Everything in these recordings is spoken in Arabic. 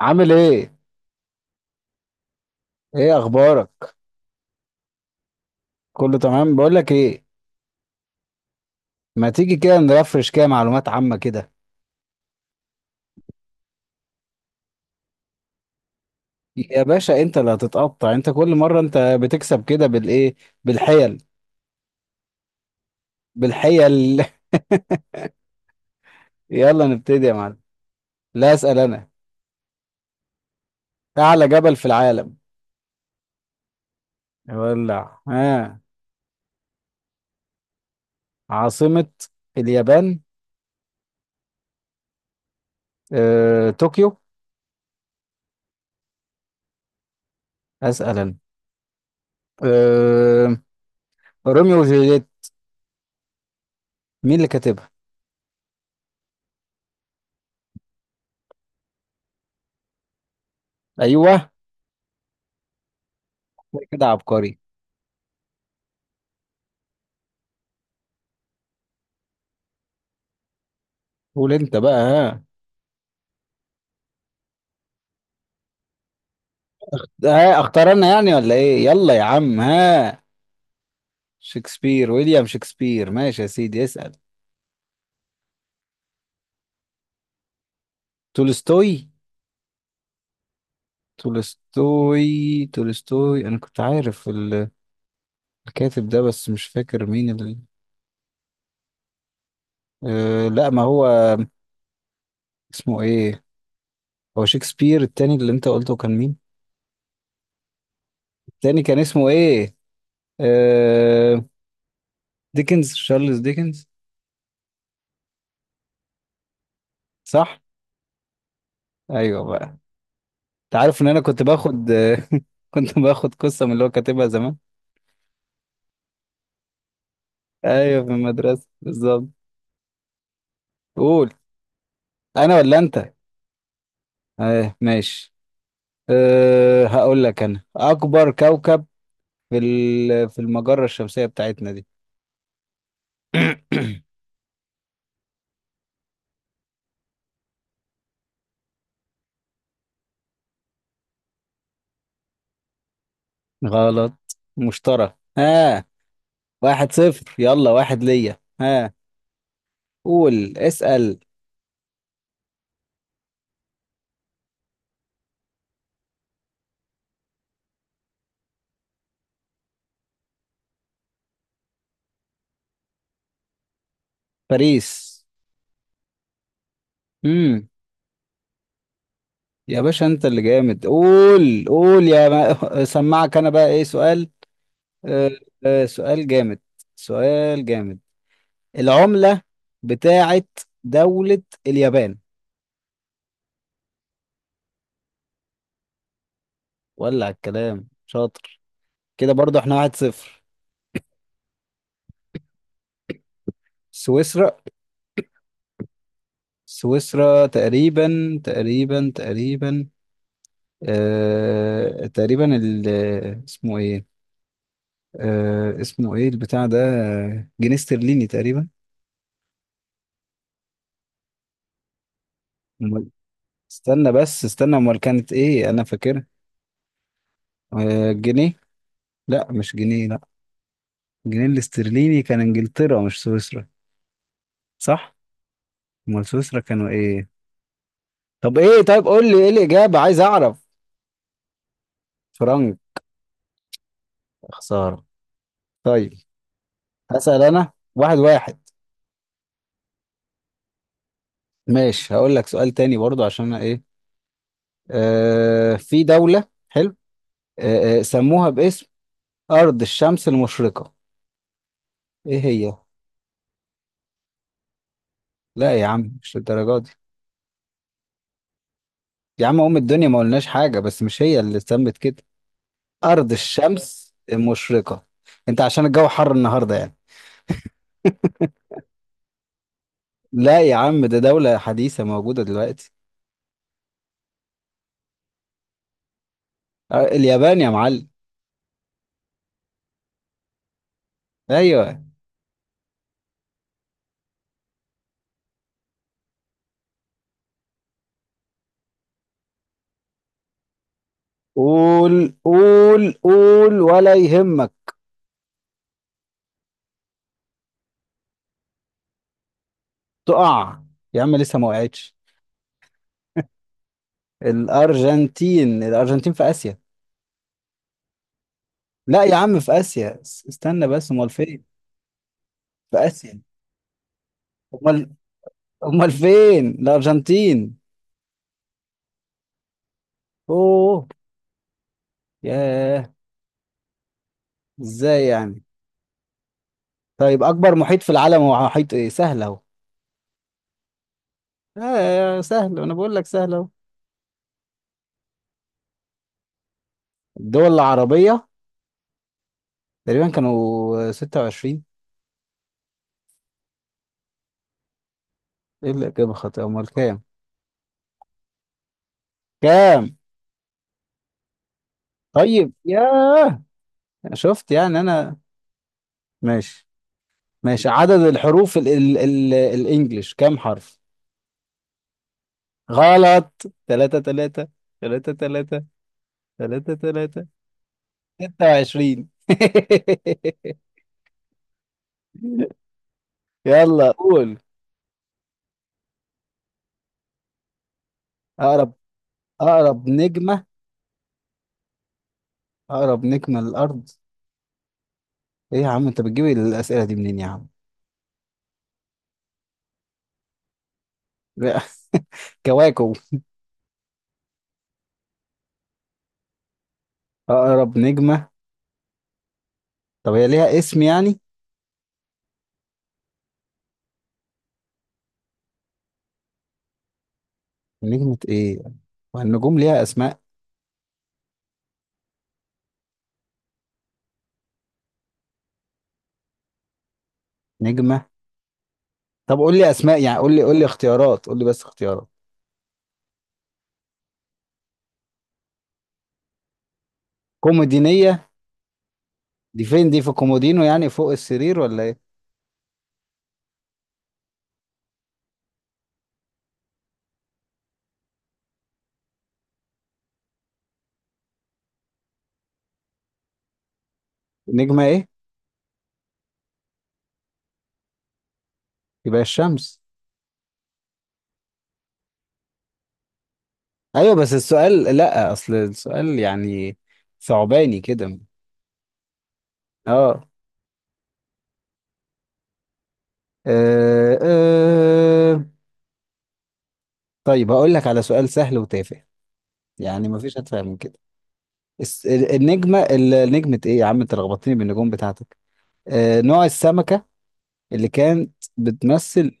عامل ايه؟ ايه اخبارك؟ كله تمام. بقول لك ايه، ما تيجي كده نرفرش كده معلومات عامة كده. يا باشا انت اللي هتتقطع انت كل مرة. انت بتكسب كده بالايه؟ بالحيل. بالحيل يلا نبتدي يا معلم. لا، اسأل انا. اعلى جبل في العالم؟ ولع ها. عاصمة اليابان. طوكيو. اسأل انا. آه، روميو وجولييت، مين اللي كاتبها؟ ايوه كده عبقري. قول انت بقى ها. ده اختار انا يعني ولا ايه، يلا يا عم ها. شكسبير، ويليام شكسبير، ماشي يا سيدي. اسأل. تولستوي تولستوي تولستوي. انا كنت عارف الكاتب ده بس مش فاكر مين آه لا، ما هو اسمه ايه. هو شكسبير التاني اللي انت قلته كان مين؟ التاني كان اسمه ايه؟ آه، ديكنز، شارلز ديكنز. صح. ايوه بقى، انت عارف ان انا كنت باخد كنت باخد قصة من اللي هو كاتبها زمان. ايوه، في المدرسة بالظبط. قول. انا ولا انت؟ آه ماشي. أه هقول لك. انا اكبر كوكب في في المجرة الشمسية بتاعتنا دي غلط. مشترى ها. واحد صفر، يلا، واحد ليا ها. قول، اسأل. باريس. امم يا باشا انت اللي جامد. قول قول يا ما... سمعك. انا بقى ايه سؤال؟ أه. أه سؤال جامد، سؤال جامد. العملة بتاعت دولة اليابان. ولع الكلام، شاطر. كده برضه احنا واحد صفر. سويسرا. سويسرا تقريبا. تقريبا. تقريبا ال اسمه ايه. آه اسمه ايه البتاع ده، جنيه استرليني تقريبا. أمال- استنى بس، استنى، امال كانت ايه انا فاكرها. آه جنيه، لا مش جنيه، لا. الجنيه الاسترليني كان انجلترا مش سويسرا، صح. امال سويسرا كانوا ايه؟ طب ايه، طيب قول لي ايه الاجابه، عايز اعرف. فرنك. خساره. طيب. هسأل انا، واحد واحد. ماشي. هقول لك سؤال تاني برضو عشان أنا ايه. في دولة حلو، سموها باسم أرض الشمس المشرقة، ايه هي؟ لا يا عم مش للدرجة دي. يا عم أم الدنيا ما قلناش حاجة بس مش هي اللي اتسمت كده أرض الشمس المشرقة. انت عشان الجو حر النهاردة يعني. لا يا عم، ده دولة حديثة موجودة دلوقتي. آه، اليابان يا معلم. ايوه. قول قول قول ولا يهمك. تقع. يا عم لسه ما وقعتش. الأرجنتين. في آسيا. لا يا عم في آسيا، استنى بس، أمال فين؟ في آسيا. أمال أمال فين الأرجنتين؟ أوه. ياه. إزاي يعني. طيب أكبر محيط في العالم هو محيط إيه، سهل أهو. آه سهل، أنا بقول لك سهل أهو. الدول العربية تقريبا كانوا 26. إيه الإجابة خاطئة، أمال كام كام؟ طيب. ياه. شفت يعني أنا. ماشي. ماشي. عدد الحروف ال الإنجليش كام حرف. غلط. تلاتة تلاتة تلاتة تلاتة تلاتة تلاتة. ستة وعشرين يلا قول. أقرب أقرب نجمة. أقرب نجمة للأرض. إيه يا عم أنت بتجيب الأسئلة دي منين يا عم. لا. كواكب. أقرب نجمة. طب هي ليها اسم يعني؟ نجمة إيه؟ والنجوم ليها أسماء. نجمة. طب قول لي أسماء يعني، قول لي قول لي اختيارات، قول لي بس اختيارات. كومودينية. دي فين، دي في كومودينو، يعني فوق السرير ولا إيه. نجمة إيه. يبقى الشمس. ايوه بس السؤال، لا اصل السؤال يعني ثعباني كده. اه. آه، آه. طيب هقول لك على سؤال سهل وتافه، يعني مفيش اتفه من كده. النجمه نجمه ايه، يا عم انت لخبطتني بالنجوم بتاعتك. آه نوع السمكه اللي كانت بتمثل،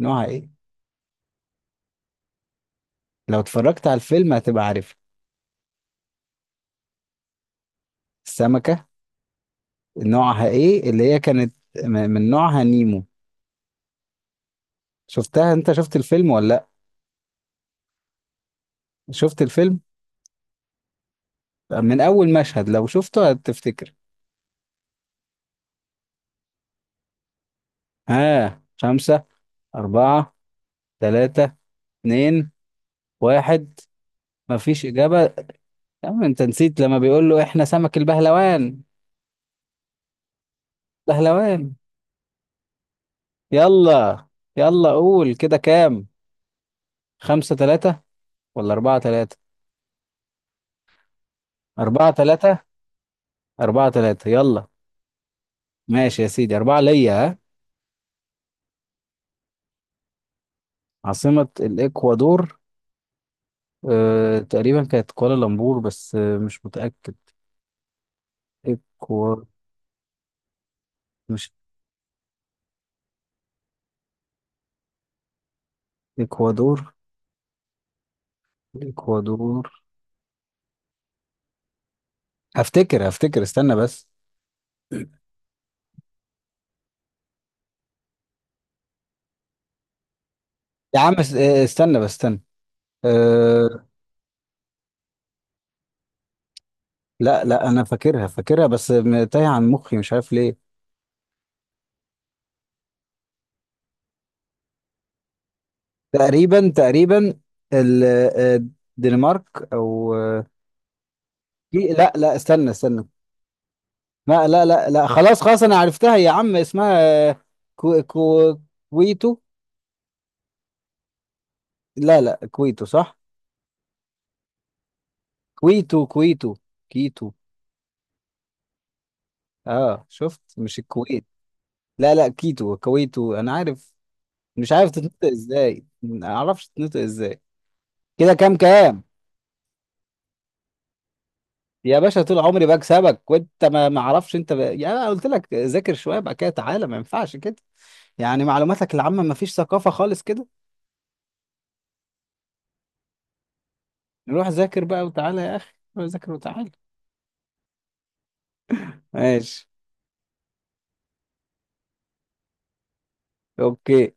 نوعها ايه؟ لو اتفرجت على الفيلم هتبقى عارف. السمكه نوعها ايه اللي هي كانت من نوعها، نيمو. شفتها؟ انت شفت الفيلم ولا لا؟ شفت الفيلم. من أول مشهد لو شفته هتفتكر. ها. خمسة، أربعة، ثلاثة، اتنين، واحد. مفيش إجابة. يا عم أنت نسيت لما بيقول له إحنا سمك البهلوان. بهلوان. يلا. يلا قول كده، كام؟ خمسة ثلاثة ولا أربعة ثلاثة؟ أربعة ثلاثة. أربعة ثلاثة يلا. ماشي يا سيدي، أربعة ليا ها. عاصمة الإكوادور. أه تقريبا كانت كوالالمبور بس، مش متأكد. إكوا. مش. إكوادور. الإكوادور. هفتكر هفتكر استنى بس. يا عم استنى بس، استنى. أه. لا لا انا فاكرها فاكرها بس تايه عن مخي مش عارف ليه. تقريبا تقريبا ال- آه، الدنمارك او، لا لا استنى استنى. لا لا لا لا خلاص خلاص انا عرفتها يا عم اسمها، آه، كو كو كويتو. لا لا، كويتو صح. كويتو. كيتو. اه شفت، مش الكويت. لا لا، كيتو كويتو، انا عارف. مش عارف تتنطق ازاي، ما اعرفش تتنطق ازاي. كده كام كام؟ يا باشا طول عمري بكسبك وانت ما اعرفش انت يعني انا قلت لك ذاكر شويه بقى كده، تعالى ما ينفعش كده. يعني معلوماتك العامه ما فيش ثقافه خالص كده. نروح ذاكر بقى وتعالى يا اخي، روح ذاكر وتعالى. ماشي. اوكي.